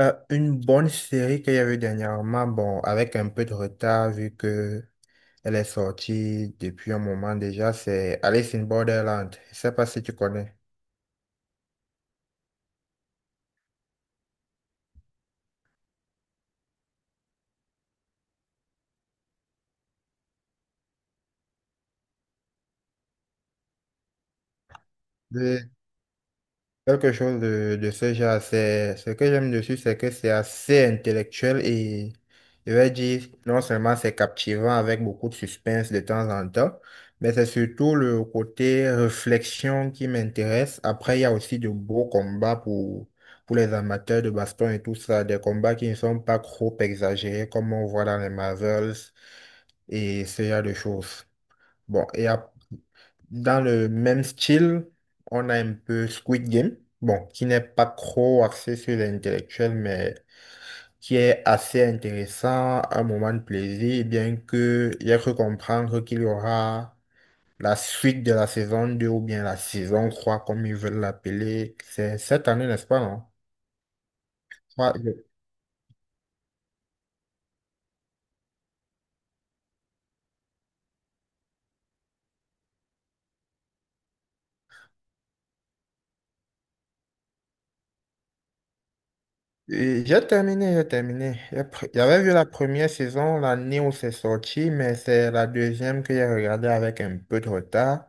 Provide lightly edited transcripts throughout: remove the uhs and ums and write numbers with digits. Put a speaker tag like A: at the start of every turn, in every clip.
A: Une bonne série qu'il y avait dernièrement, bon, avec un peu de retard vu que elle est sortie depuis un moment déjà, c'est Alice in Borderland. Je sais pas si tu connais. Quelque chose de ce genre, c'est, ce que j'aime dessus, c'est que c'est assez intellectuel et je vais dire, non seulement c'est captivant avec beaucoup de suspense de temps en temps, mais c'est surtout le côté réflexion qui m'intéresse. Après, il y a aussi de beaux combats pour les amateurs de baston et tout ça, des combats qui ne sont pas trop exagérés comme on voit dans les Marvels et ce genre de choses. Bon, et dans le même style, on a un peu Squid Game, bon, qui n'est pas trop axé sur l'intellectuel, mais qui est assez intéressant, un moment de plaisir, bien que j'ai cru comprendre qu'il y aura la suite de la saison 2 ou bien la saison 3, comme ils veulent l'appeler. C'est cette année, n'est-ce pas, non? Ouais. J'ai terminé, j'ai terminé. J'avais vu la première saison l'année où c'est sorti, mais c'est la deuxième que j'ai regardée avec un peu de retard.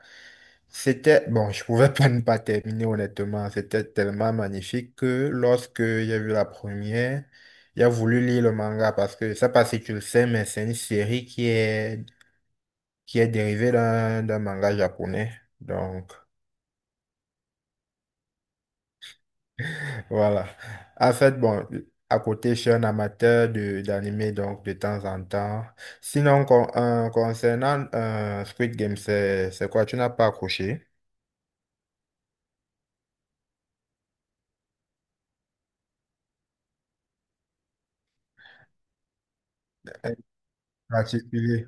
A: C'était, bon, je pouvais pas ne pas terminer honnêtement. C'était tellement magnifique que lorsque j'ai vu la première, j'ai voulu lire le manga parce que, je sais pas si tu le sais, mais c'est une série qui est dérivée d'un manga japonais. Donc, voilà. En fait, bon, à côté, je suis un amateur de d'anime, donc de temps en temps. Sinon, concernant Squid Game, c'est quoi? Tu n'as pas accroché? En particulier,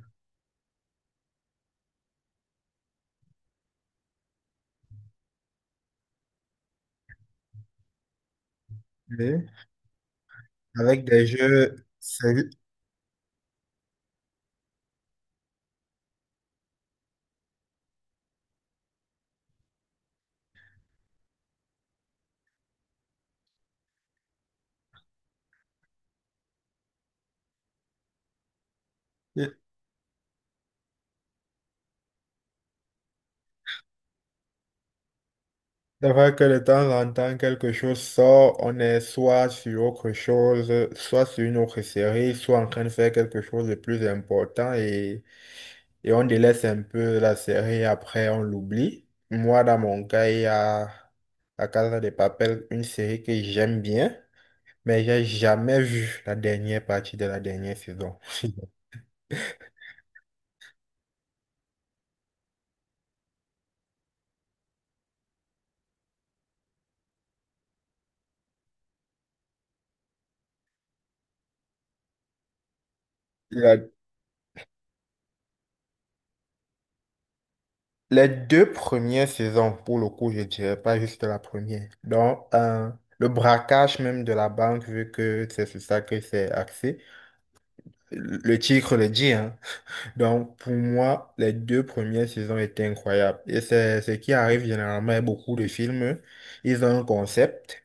A: oui. Avec des jeux, c'est vrai que de temps en temps, quelque chose sort, on est soit sur autre chose, soit sur une autre série, soit en train de faire quelque chose de plus important et on délaisse un peu la série, après on l'oublie. Moi, dans mon cas, il y a La Casa de Papel, une série que j'aime bien, mais j'ai jamais vu la dernière partie de la dernière saison. La- les deux premières saisons, pour le coup, je dirais pas juste la première. Donc, le braquage même de la banque, vu que c'est sur ça que c'est axé, le titre le dit, hein. Donc, pour moi, les deux premières saisons étaient incroyables. Et c'est ce qui arrive généralement avec beaucoup de films. Ils ont un concept,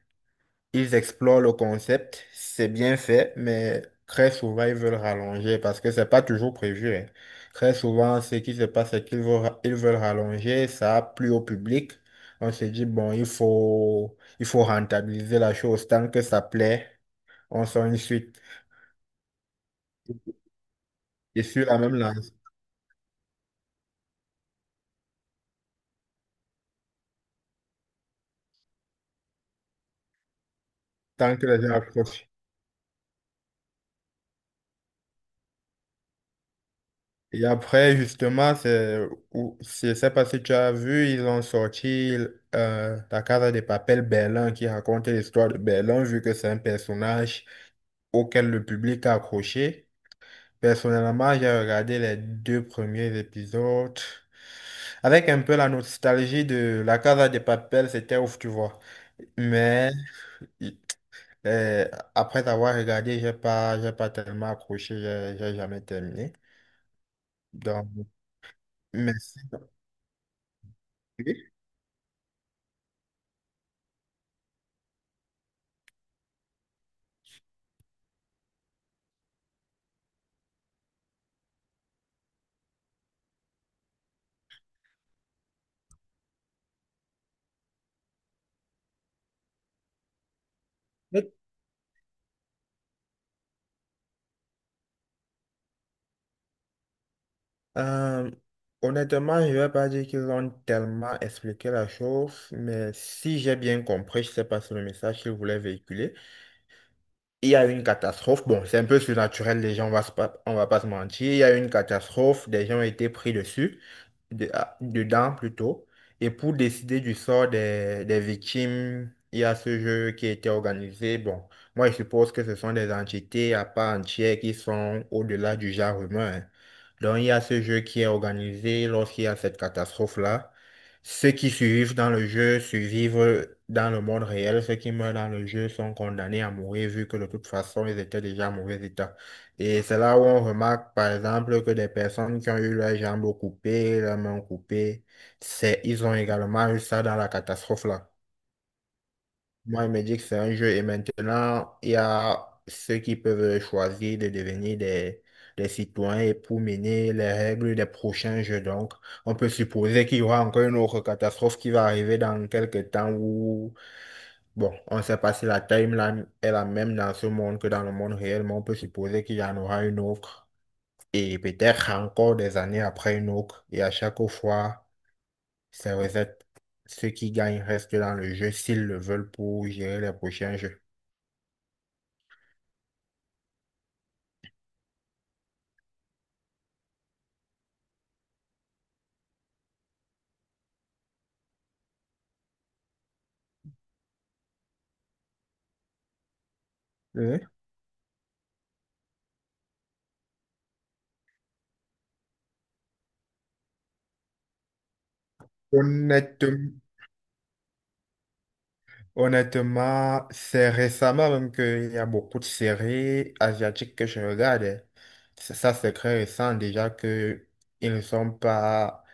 A: ils explorent le concept, c'est bien fait, mais très souvent, ils veulent rallonger parce que c'est pas toujours prévu, hein. Très souvent, ce qui se passe, c'est qu'ils veulent, ils veulent rallonger, ça a plu au public. On se dit, bon, il faut rentabiliser la chose. Tant que ça plaît, on sort une suite. Et sur la même lance, tant que les gens accrochent. Et après, justement, je sais pas si tu as vu, ils ont sorti La Casa de Papel Berlin qui raconte l'histoire de Berlin, vu que c'est un personnage auquel le public a accroché. Personnellement, j'ai regardé les deux premiers épisodes avec un peu la nostalgie de La Casa de Papel, c'était ouf, tu vois. Mais euh, après avoir regardé, j'ai pas tellement accroché, j'ai jamais terminé. Donc, merci. Oui. Euh, Honnêtement, je ne vais pas dire qu'ils ont tellement expliqué la chose, mais si j'ai bien compris, je ne sais pas si le message qu'ils voulaient véhiculer, il y a eu une catastrophe. Bon, c'est un peu surnaturel, les gens, on va se pas, on va pas se mentir. Il y a eu une catastrophe, des gens ont été pris dessus, dedans plutôt. Et pour décider du sort des victimes, il y a ce jeu qui a été organisé. Bon, moi, je suppose que ce sont des entités à part entière qui sont au-delà du genre humain, hein. Donc, il y a ce jeu qui est organisé lorsqu'il y a cette catastrophe-là. Ceux qui survivent dans le jeu survivent dans le monde réel. Ceux qui meurent dans le jeu sont condamnés à mourir vu que de toute façon, ils étaient déjà en mauvais état. Et c'est là où on remarque, par exemple, que des personnes qui ont eu leurs jambes coupées, leurs mains coupées, c'est, ils ont également eu ça dans la catastrophe là. Moi, il me dit que c'est un jeu et maintenant, il y a ceux qui peuvent choisir de devenir des citoyens et pour mener les règles des prochains jeux. Donc, on peut supposer qu'il y aura encore une autre catastrophe qui va arriver dans quelques temps où, bon, on ne sait pas si la timeline est la même dans ce monde que dans le monde réel, mais on peut supposer qu'il y en aura une autre et peut-être encore des années après une autre. Et à chaque fois, ça reset. Ceux qui gagnent restent dans le jeu s'ils le veulent pour gérer les prochains jeux. Oui. Honnêtement, honnêtement, c'est récemment même qu'il y a beaucoup de séries asiatiques que je regarde. Ça, c'est très récent déjà que ils ne sont pas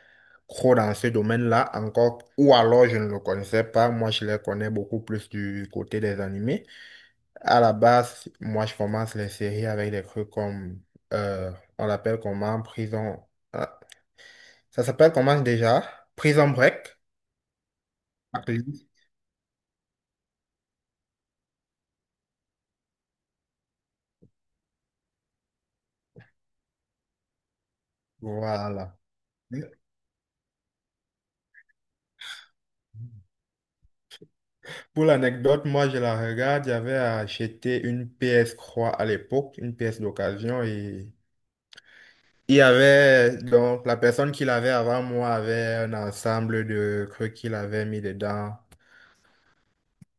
A: trop dans ce domaine-là encore. Ou alors je ne le connaissais pas. Moi, je les connais beaucoup plus du côté des animés. À la base, moi, je commence les séries avec des trucs comme, euh, on l'appelle comment, Prison. Ah, ça s'appelle comment déjà? Prison Break. Appelé. Voilà. Pour l'anecdote, moi je la regarde, j'avais acheté une PS3 à l'époque, une pièce d'occasion et il y avait donc la personne qui l'avait avant moi avait un ensemble de trucs qu'il avait mis dedans.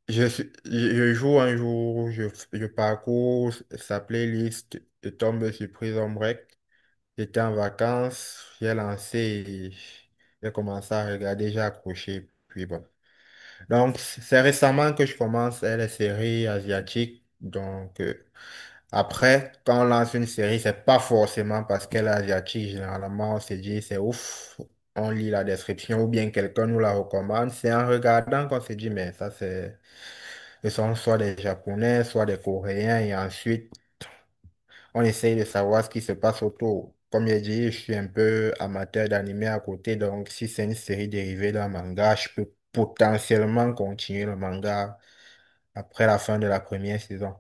A: Je joue un jour, je parcours sa playlist, je tombe sur Prison Break. J'étais en vacances, j'ai lancé, et j'ai commencé à regarder, j'ai accroché, puis bon. Donc, c'est récemment que je commence les séries asiatiques. Donc, après, quand on lance une série, c'est pas forcément parce qu'elle est asiatique. Généralement, on se dit, c'est ouf, on lit la description ou bien quelqu'un nous la recommande. C'est en regardant qu'on se dit, mais ça, c'est, ce sont soit des Japonais, soit des Coréens. Et ensuite, on essaye de savoir ce qui se passe autour. Comme j'ai dit, je suis un peu amateur d'animé à côté. Donc, si c'est une série dérivée d'un manga, je peux potentiellement continuer le manga après la fin de la première saison.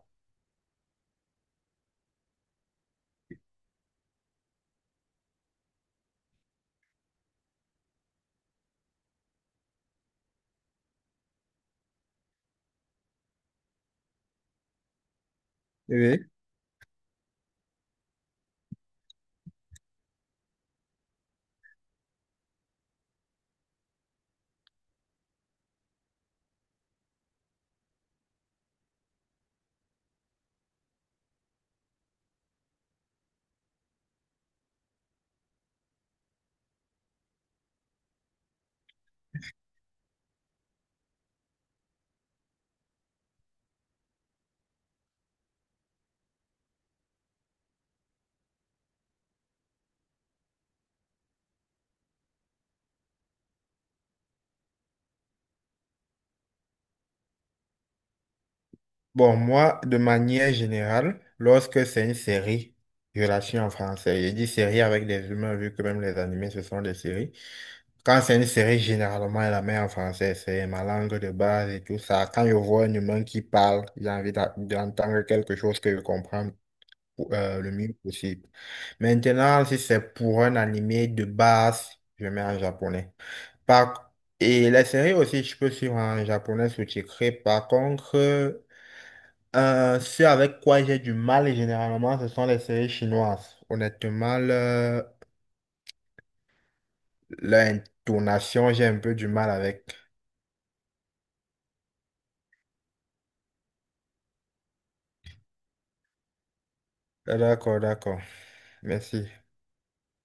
A: Oui. Bon, moi, de manière générale, lorsque c'est une série, je la suis en français. J'ai dit série avec des humains, vu que même les animés, ce sont des séries. Quand c'est une série, généralement, elle la met en français. C'est ma langue de base et tout ça. Quand je vois un humain qui parle, j'ai envie d'a- d'entendre quelque chose que je comprends pou- le mieux possible. Maintenant, si c'est pour un animé de base, je mets en japonais. Par... Et les séries aussi, je peux suivre en japonais sous-titré. Par contre, ce avec quoi j'ai du mal généralement, ce sont les séries chinoises. Honnêtement, l'intonation, j'ai un peu du mal avec. D'accord, d'accord. Merci.